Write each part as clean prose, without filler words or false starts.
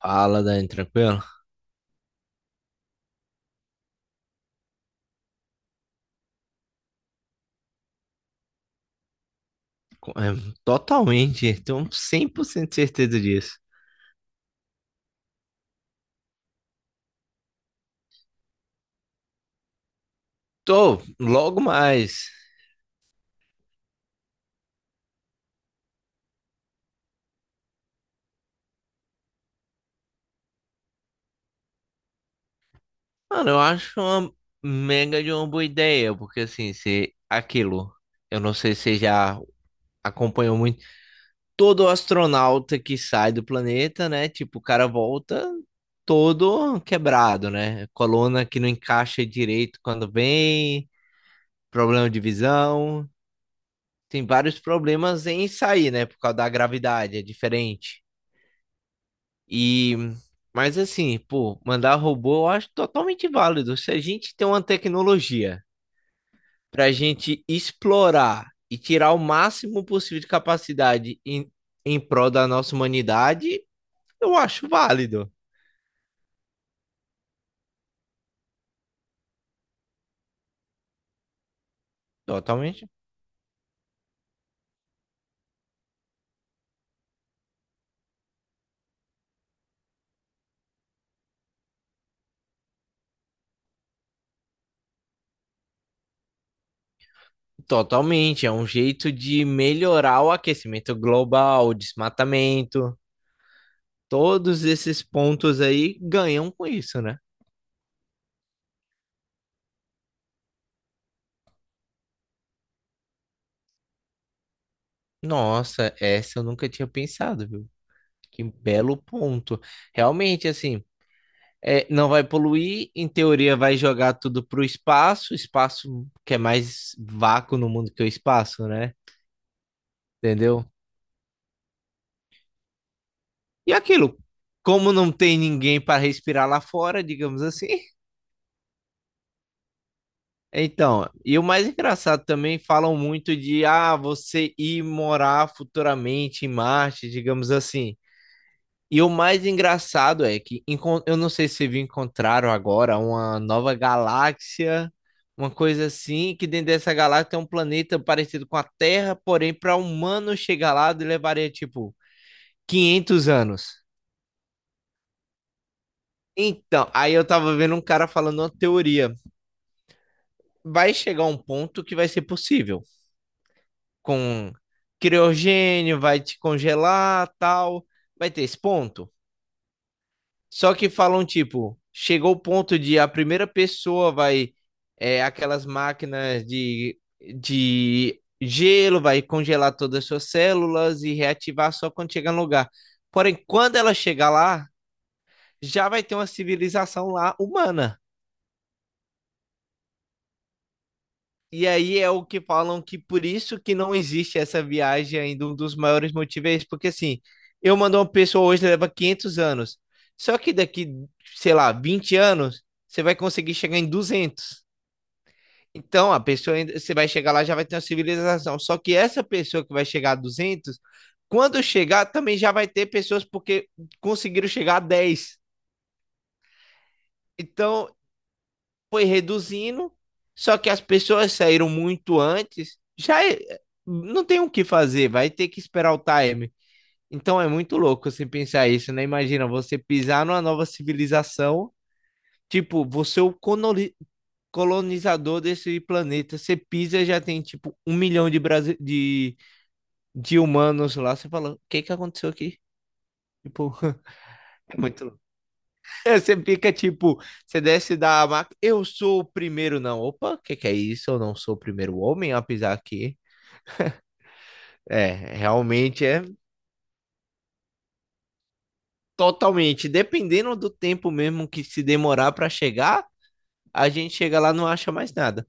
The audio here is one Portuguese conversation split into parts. Fala, Dani, tranquilo? É, totalmente, tenho 100% certeza disso. Tô, logo mais. Mano, eu acho uma mega de uma boa ideia, porque assim, se aquilo, eu não sei se você já acompanhou muito, todo astronauta que sai do planeta, né? Tipo, o cara volta todo quebrado, né? Coluna que não encaixa direito quando vem, problema de visão. Tem vários problemas em sair, né? Por causa da gravidade, é diferente. E, mas assim, pô, mandar robô eu acho totalmente válido. Se a gente tem uma tecnologia para gente explorar e tirar o máximo possível de capacidade em prol da nossa humanidade, eu acho válido. Totalmente. Totalmente. É um jeito de melhorar o aquecimento global, o desmatamento. Todos esses pontos aí ganham com isso, né? Nossa, essa eu nunca tinha pensado, viu? Que belo ponto. Realmente, assim. É, não vai poluir, em teoria vai jogar tudo pro espaço, espaço que é mais vácuo no mundo que o espaço, né? Entendeu? E aquilo, como não tem ninguém para respirar lá fora, digamos assim. Então, e o mais engraçado também falam muito de você ir morar futuramente em Marte, digamos assim. E o mais engraçado é que eu não sei se encontraram agora uma nova galáxia, uma coisa assim, que dentro dessa galáxia tem um planeta parecido com a Terra, porém para humano chegar lá levaria tipo 500 anos. Então, aí eu tava vendo um cara falando uma teoria. Vai chegar um ponto que vai ser possível. Com criogênio, vai te congelar, tal. Vai ter esse ponto? Só que falam, tipo, chegou o ponto de a primeira pessoa vai. É, aquelas máquinas de gelo, vai congelar todas as suas células e reativar só quando chegar no lugar. Porém, quando ela chegar lá, já vai ter uma civilização lá humana. E aí é o que falam que por isso que não existe essa viagem ainda, um dos maiores motivos é esse, porque assim, eu mandar uma pessoa hoje leva 500 anos, só que daqui, sei lá, 20 anos, você vai conseguir chegar em 200. Então, a pessoa, você vai chegar lá, já vai ter uma civilização, só que essa pessoa que vai chegar a 200, quando chegar, também já vai ter pessoas porque conseguiram chegar a 10. Então, foi reduzindo, só que as pessoas saíram muito antes. Não tem o que fazer, vai ter que esperar o time. Então é muito louco você pensar isso, né? Imagina você pisar numa nova civilização, tipo, você é o colonizador desse planeta, você pisa e já tem tipo um milhão de, de humanos lá. Você fala, o que que aconteceu aqui? Tipo, é muito é, você fica tipo, você desce da máquina, eu sou o primeiro, não. Opa, o que que é isso? Eu não sou o primeiro homem a pisar aqui. É, realmente é totalmente, dependendo do tempo mesmo que se demorar para chegar, a gente chega lá e não acha mais nada.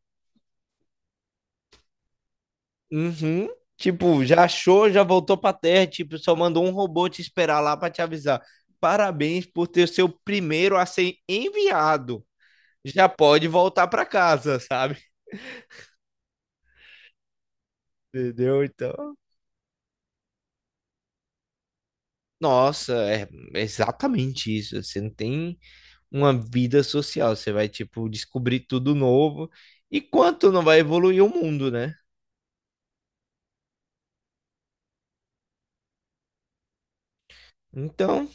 Uhum. Tipo, já achou, já voltou pra terra, tipo, só mandou um robô te esperar lá para te avisar. Parabéns por ter seu primeiro a ser enviado. Já pode voltar para casa, sabe? Entendeu? Então, nossa, é exatamente isso. Você não tem uma vida social. Você vai, tipo, descobrir tudo novo. E quanto não vai evoluir o mundo, né? Então,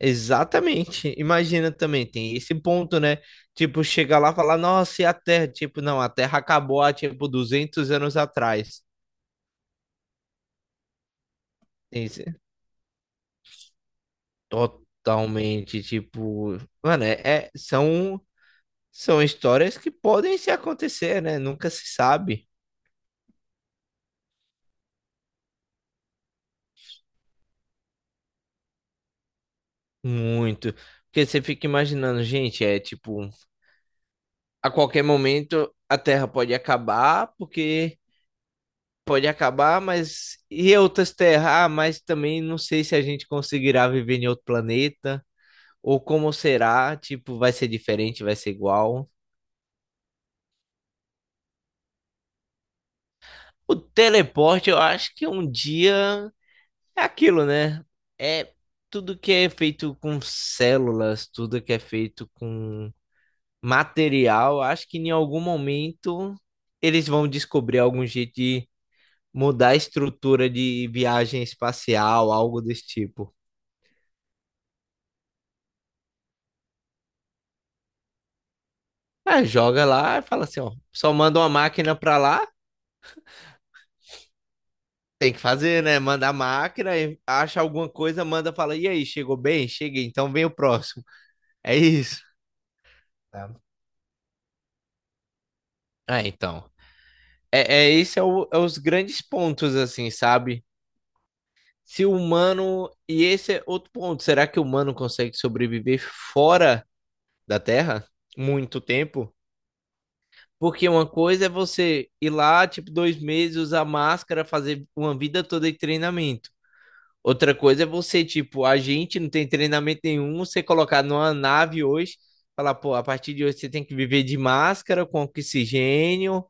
exatamente. Imagina também, tem esse ponto, né? Tipo, chegar lá e falar, nossa, e a Terra? Tipo, não, a Terra acabou há, tipo, 200 anos atrás. Tem esse- Totalmente, tipo... Mano, são, são histórias que podem se acontecer, né? Nunca se sabe. Muito. Porque você fica imaginando, gente, é tipo, a qualquer momento a Terra pode acabar, porque pode acabar, mas e outras terras? Ah, mas também não sei se a gente conseguirá viver em outro planeta, ou como será, tipo, vai ser diferente, vai ser igual. O teleporte, eu acho que um dia é aquilo, né? É tudo que é feito com células, tudo que é feito com material, acho que em algum momento eles vão descobrir algum jeito de mudar a estrutura de viagem espacial, algo desse tipo. É, joga lá e fala assim, ó, só manda uma máquina pra lá, tem que fazer, né? Manda a máquina, e acha alguma coisa, manda, fala, e aí, chegou bem? Cheguei, então vem o próximo. É isso. Tá. É, então. É, é esse é, o- é os grandes pontos, assim, sabe? Se o humano. E esse é outro ponto. Será que o humano consegue sobreviver fora da Terra muito tempo. Porque uma coisa é você ir lá, tipo, dois meses, usar máscara, fazer uma vida toda de treinamento. Outra coisa é você, tipo, a gente não tem treinamento nenhum, você colocar numa nave hoje, falar, pô, a partir de hoje você tem que viver de máscara, com oxigênio,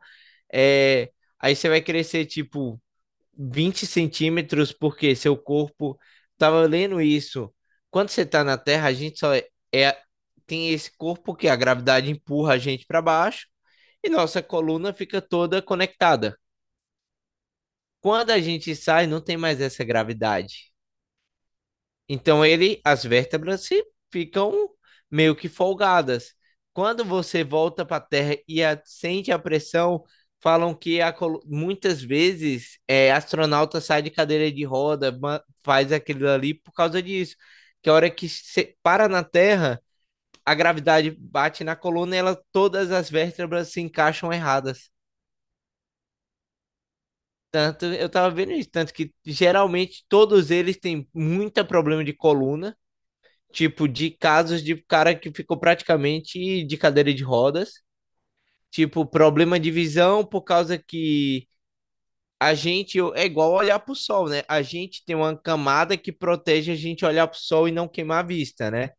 é... aí você vai crescer, tipo, 20 centímetros, porque seu corpo tava lendo isso. Quando você está na Terra, a gente só é, é- tem esse corpo que a gravidade empurra a gente para baixo e nossa coluna fica toda conectada. Quando a gente sai, não tem mais essa gravidade. Então ele, as vértebras se ficam meio que folgadas. Quando você volta para a Terra e sente a pressão, falam que a muitas vezes é, astronauta sai de cadeira de roda, faz aquilo ali por causa disso. Que a hora que se para na Terra, a gravidade bate na coluna e ela, todas as vértebras se encaixam erradas. Tanto, eu tava vendo isso, tanto que geralmente todos eles têm muito problema de coluna. Tipo, de casos de cara que ficou praticamente de cadeira de rodas, tipo, problema de visão por causa que a gente é igual olhar pro sol, né? A gente tem uma camada que protege a gente olhar pro sol e não queimar a vista, né?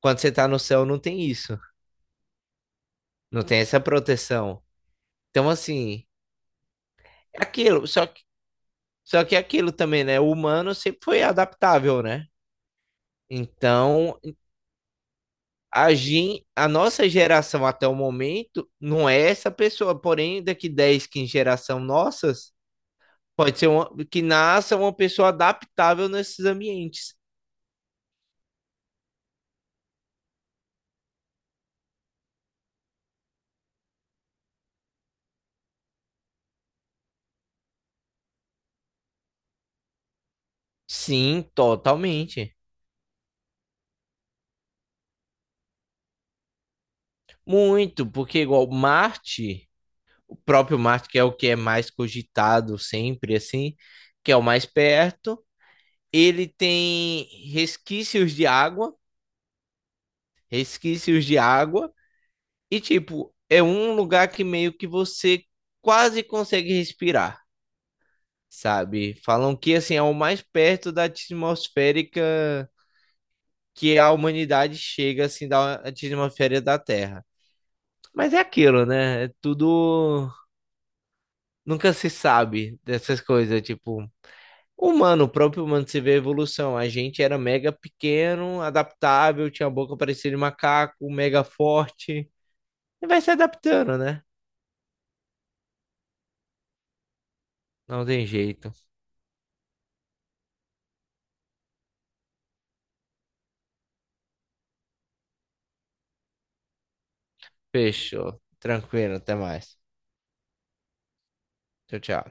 Quando você tá no céu, não tem isso, não tem essa proteção. Então, assim, é aquilo, só que é aquilo também, né? O humano sempre foi adaptável, né? Então, a nossa geração até o momento não é essa pessoa, porém daqui 10, 15 geração nossas, pode ser uma, que nasça uma pessoa adaptável nesses ambientes. Sim, totalmente. Muito, porque igual Marte, o próprio Marte, que é o que é mais cogitado sempre assim, que é o mais perto, ele tem resquícios de água, resquícios de água. E, tipo, é um lugar que meio que você quase consegue respirar, sabe? Falam que, assim, é o mais perto da atmosférica que a humanidade chega, assim, da atmosfera da Terra. Mas é aquilo, né? É tudo. Nunca se sabe dessas coisas, tipo. Humano, o próprio humano se vê a evolução. A gente era mega pequeno, adaptável, tinha a boca parecida de macaco, mega forte. E vai se adaptando, né? Não tem jeito. Fechou. Tranquilo, até mais. Tchau, tchau.